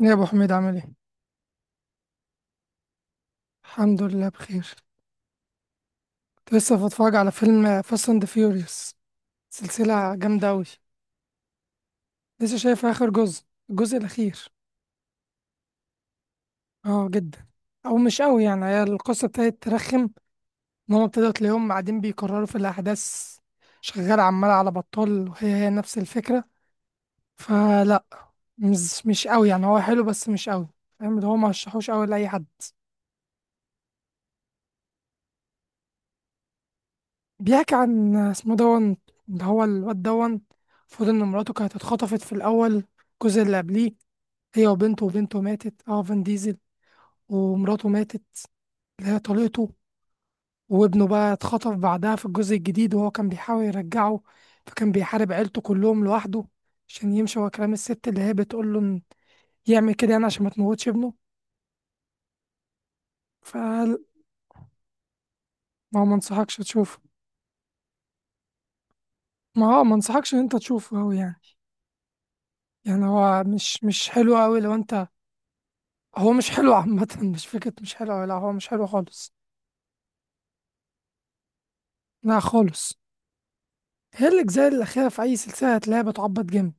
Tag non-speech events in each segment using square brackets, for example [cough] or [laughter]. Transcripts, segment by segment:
يا ابو حميد عامل ايه. الحمد لله بخير. كنت لسه بتفرج على فيلم فاست اند فيوريوس، سلسله جامده قوي. لسه شايف اخر جزء، الجزء الاخير. اه جدا. او مش قوي يعني، هي القصه ابتدت ترخم. ان هم ابتدوا تلاقيهم قاعدين بيكرروا في الاحداث، شغاله عماله على بطال وهي هي نفس الفكره. فلا، مش قوي يعني، هو حلو بس مش قوي. فاهم اللي هو ما رشحوش قوي لاي حد. بيحكي عن اسمه دون، اللي هو الواد دون. المفروض ان مراته كانت اتخطفت في الاول، الجزء اللي قبليه، هي وبنته، وبنته ماتت اه فان ديزل. ومراته ماتت، اللي هي طليقته. وابنه بقى اتخطف بعدها في الجزء الجديد، وهو كان بيحاول يرجعه، فكان بيحارب عيلته كلهم لوحده عشان يمشي ورا كلام الست اللي هي بتقول له إن يعمل كده، يعني عشان ما تموتش ابنه. ف ما هو ما انصحكش تشوفه. ما هو ما انصحكش ان انت تشوفه أوي يعني. يعني هو مش حلو قوي لو انت. هو مش حلو عامة، مش فكرة، مش حلو، لا هو مش حلو خالص. لا خالص. هي الأجزاء الأخيرة في أي سلسلة هتلاقيها بتعبط جامد.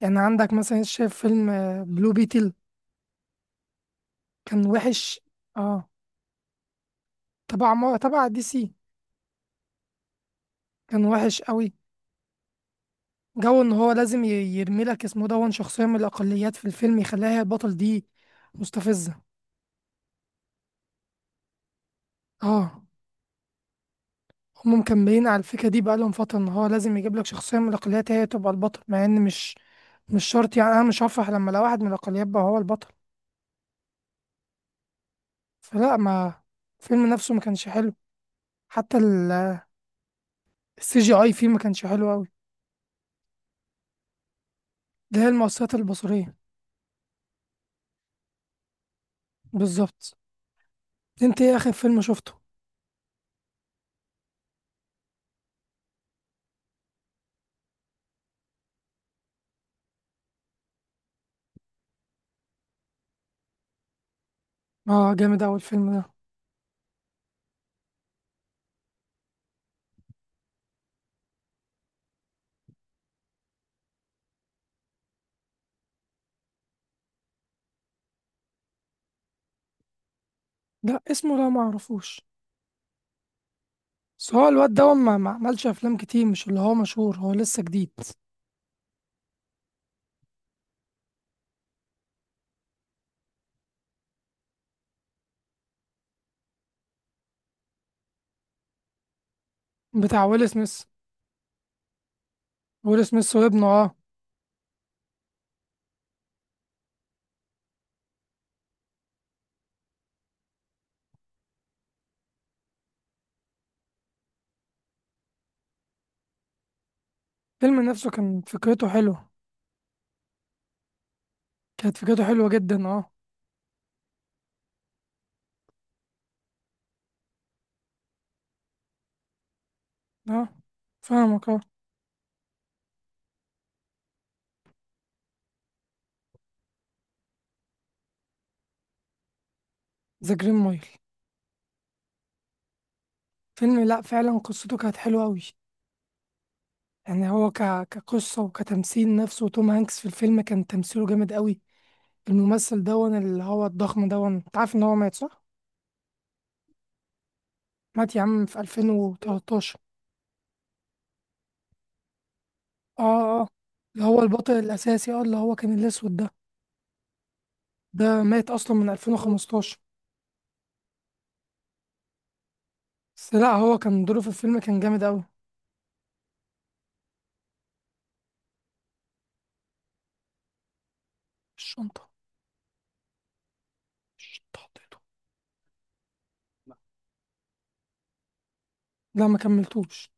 يعني عندك مثلا شايف فيلم بلو بيتل، كان وحش. اه، تبع تبع دي سي. كان وحش قوي. جو ان هو لازم يرمي لك اسمه دون شخصية من الأقليات في الفيلم، يخليها هي البطل دي، مستفزة. اه. هم مكملين على الفكرة دي بقالهم فترة، ان هو لازم يجيب لك شخصية من الأقليات هي تبقى البطل، مع ان مش مش شرط يعني. انا مش هفرح لما لو واحد من الأقليات بقى هو البطل. فلا ما، الفيلم نفسه ما كانش حلو. حتى السي جي اي فيه ما كانش حلو قوي. ده هي المؤثرات البصرية. بالظبط. انت ايه اخر فيلم شفته؟ اه جامد اوي الفيلم ده. لا اسمه، لا ما اعرفوش. بس هو الواد ده ما عملش افلام كتير، مش اللي هو مشهور، هو لسه جديد. بتاع ويل سميث. ويل سميث وابنه اه. الفيلم نفسه كان فكرته حلوة. كانت فكرته حلوة جدا اه. اه فاهمك اه. ذا جرين مايل. فيلم لا فعلا قصته كانت حلوة قوي. يعني هو ك... كقصة وكتمثيل نفسه، توم هانكس في الفيلم كان تمثيله جامد قوي. الممثل دون اللي هو الضخم دون، انت عارف ان هو مات صح؟ مات يا عم في 2013. اه اه آه. اللي هو البطل الأساسي اه، اللي هو كان الأسود ده. ده مات أصلا من 2015. بس لا هو كان دوره في الفيلم كان جامد قوي. الشنطة. الشنطة حطيته. لا ما كملتوش.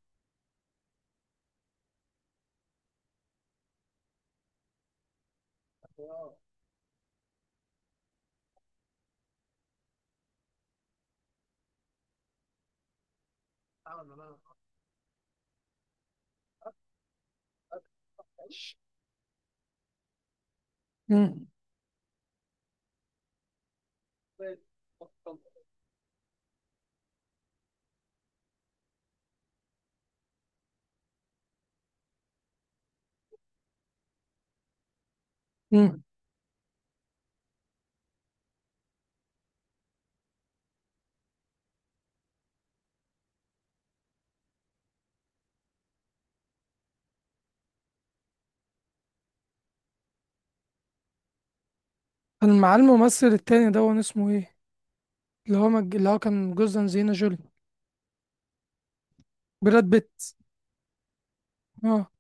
مم. مم. كان مع الممثل التاني دون، اسمه ايه؟ اللي هو مج... اللي هو كان جوز انجلينا جولي. براد بيت. اه.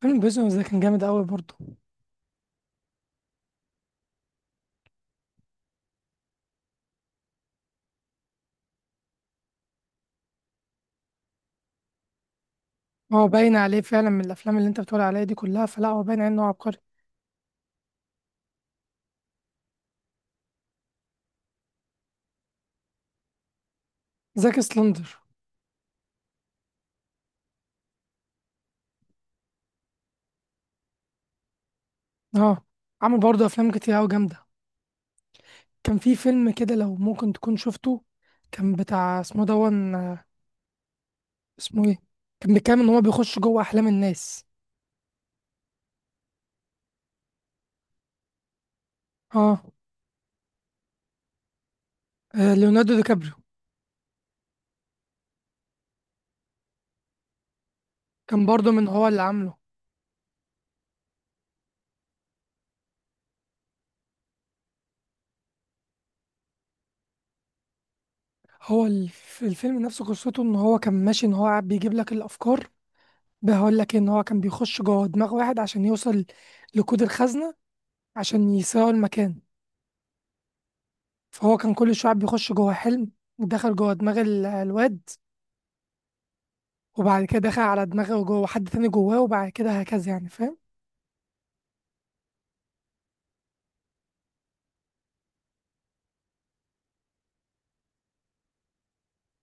فيلم بريزون ده كان جامد قوي برضه. هو باين عليه فعلا من الافلام اللي انت بتقول عليها دي كلها، فلا هو باين عليه انه عبقري. زاك سلندر. اه. عمل برضه افلام كتير قوي جامده. كان في فيلم كده لو ممكن تكون شفته، كان بتاع اسمه دون اسمه ايه. كان بيتكلم ان هو بيخش جوه احلام الناس. اه. آه، ليوناردو دي كابريو. كان برضه من هو اللي عامله؟ هو الفيلم نفسه قصته ان هو كان ماشي، ان هو قاعد بيجيب لك الافكار. بقول لك ان هو كان بيخش جوه دماغ واحد عشان يوصل لكود الخزنه، عشان يسرقوا المكان. فهو كان كل شوية بيخش جوه حلم، ودخل جوه دماغ الواد، وبعد كده دخل على دماغه جوه حد تاني جواه، وبعد كده هكذا يعني، فاهم.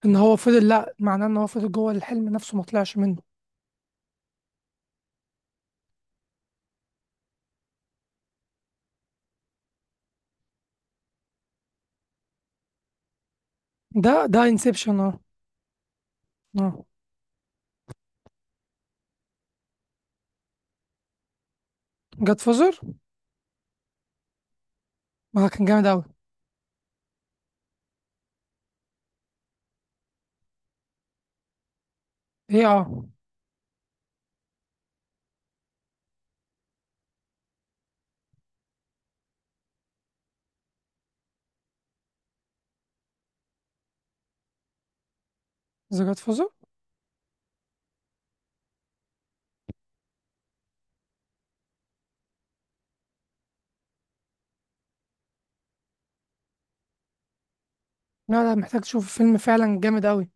ان هو فضل، لا، معناه ان هو فضل جوه الحلم نفسه ما طلعش منه. ده انسبشن اه. اه. جاد فوزر. ما كان جامد اوي. ايه اه. ذا جاد فوزر. لا لا، محتاج تشوف فيلم فعلا جامد اوي.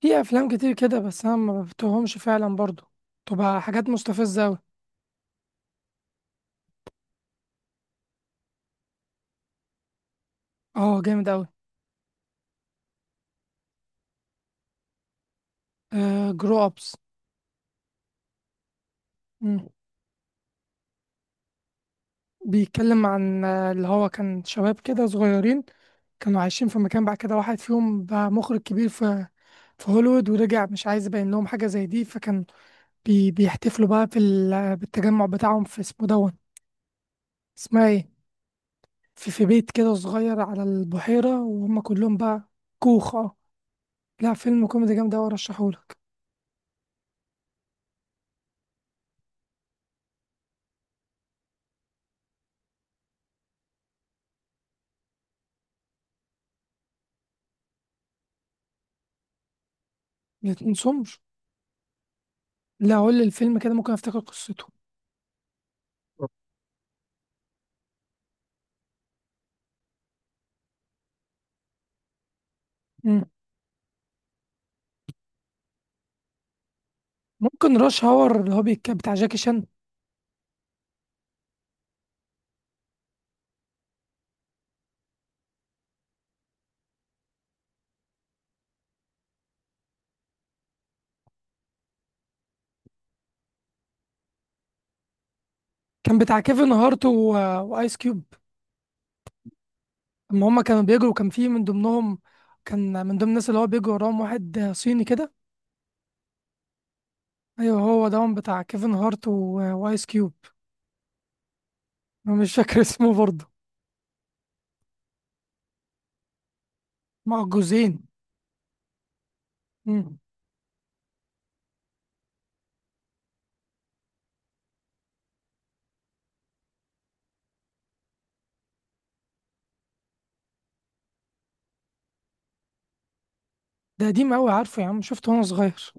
في افلام كتير كده بس انا ما بفتهمش فعلا برضو، تبقى حاجات مستفزة اوي. اه جامد اوي. آه جرو ابس. بيتكلم عن اللي هو كان شباب كده صغيرين، كانوا عايشين في مكان، بعد كده واحد فيهم بقى مخرج كبير في في هوليوود ورجع مش عايز يبين لهم حاجة زي دي، فكان بيحتفلوا بقى في ال... بالتجمع بتاعهم في اسمه دون اسمها ايه، في في بيت كده صغير على البحيرة، وهم كلهم بقى. كوخ اه. لا فيلم كوميدي جامد أوي، أرشحهولك. متنسومش. لا قول لي الفيلم كده ممكن أفتكر قصته. مم. ممكن راش هاور اللي هو بتاع جاكي شان. كان بتاع كيفن هارت و... وآيس كيوب. اما هم كانوا بيجروا كان في من ضمنهم، كان من ضمن الناس اللي هو بيجروا وراهم واحد صيني كده. ايوه هو ده بتاع كيفن هارت و... وايس كيوب. أنا مش فاكر [laughs] اسمه برضه. مع جوزين. مم. ده قديم قوي عارفه يا عم، شفته وانا صغير.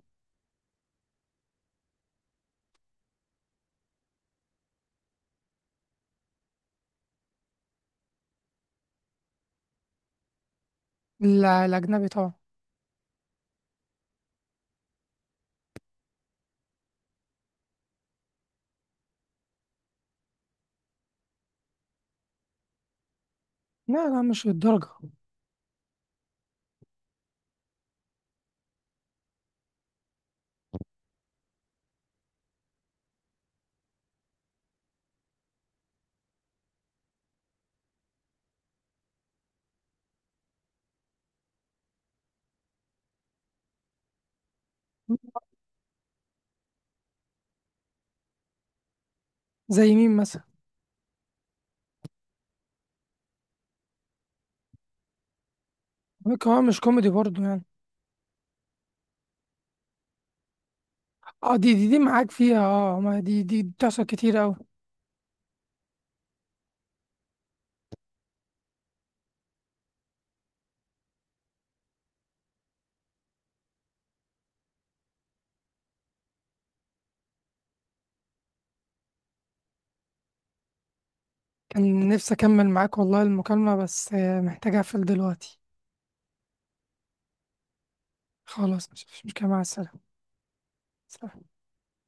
لا الاجنبي طبعا. لا لا مش للدرجه. زي مين مثلا؟ ممكن هو مش كوميدي برضه يعني. اه دي دي, دي معاك فيها اه، ما دي دي بتحصل كتير قوي. كان نفسي اكمل معاك والله المكالمه بس محتاج اقفل دلوقتي. خلاص مش مشكله، مع السلامه.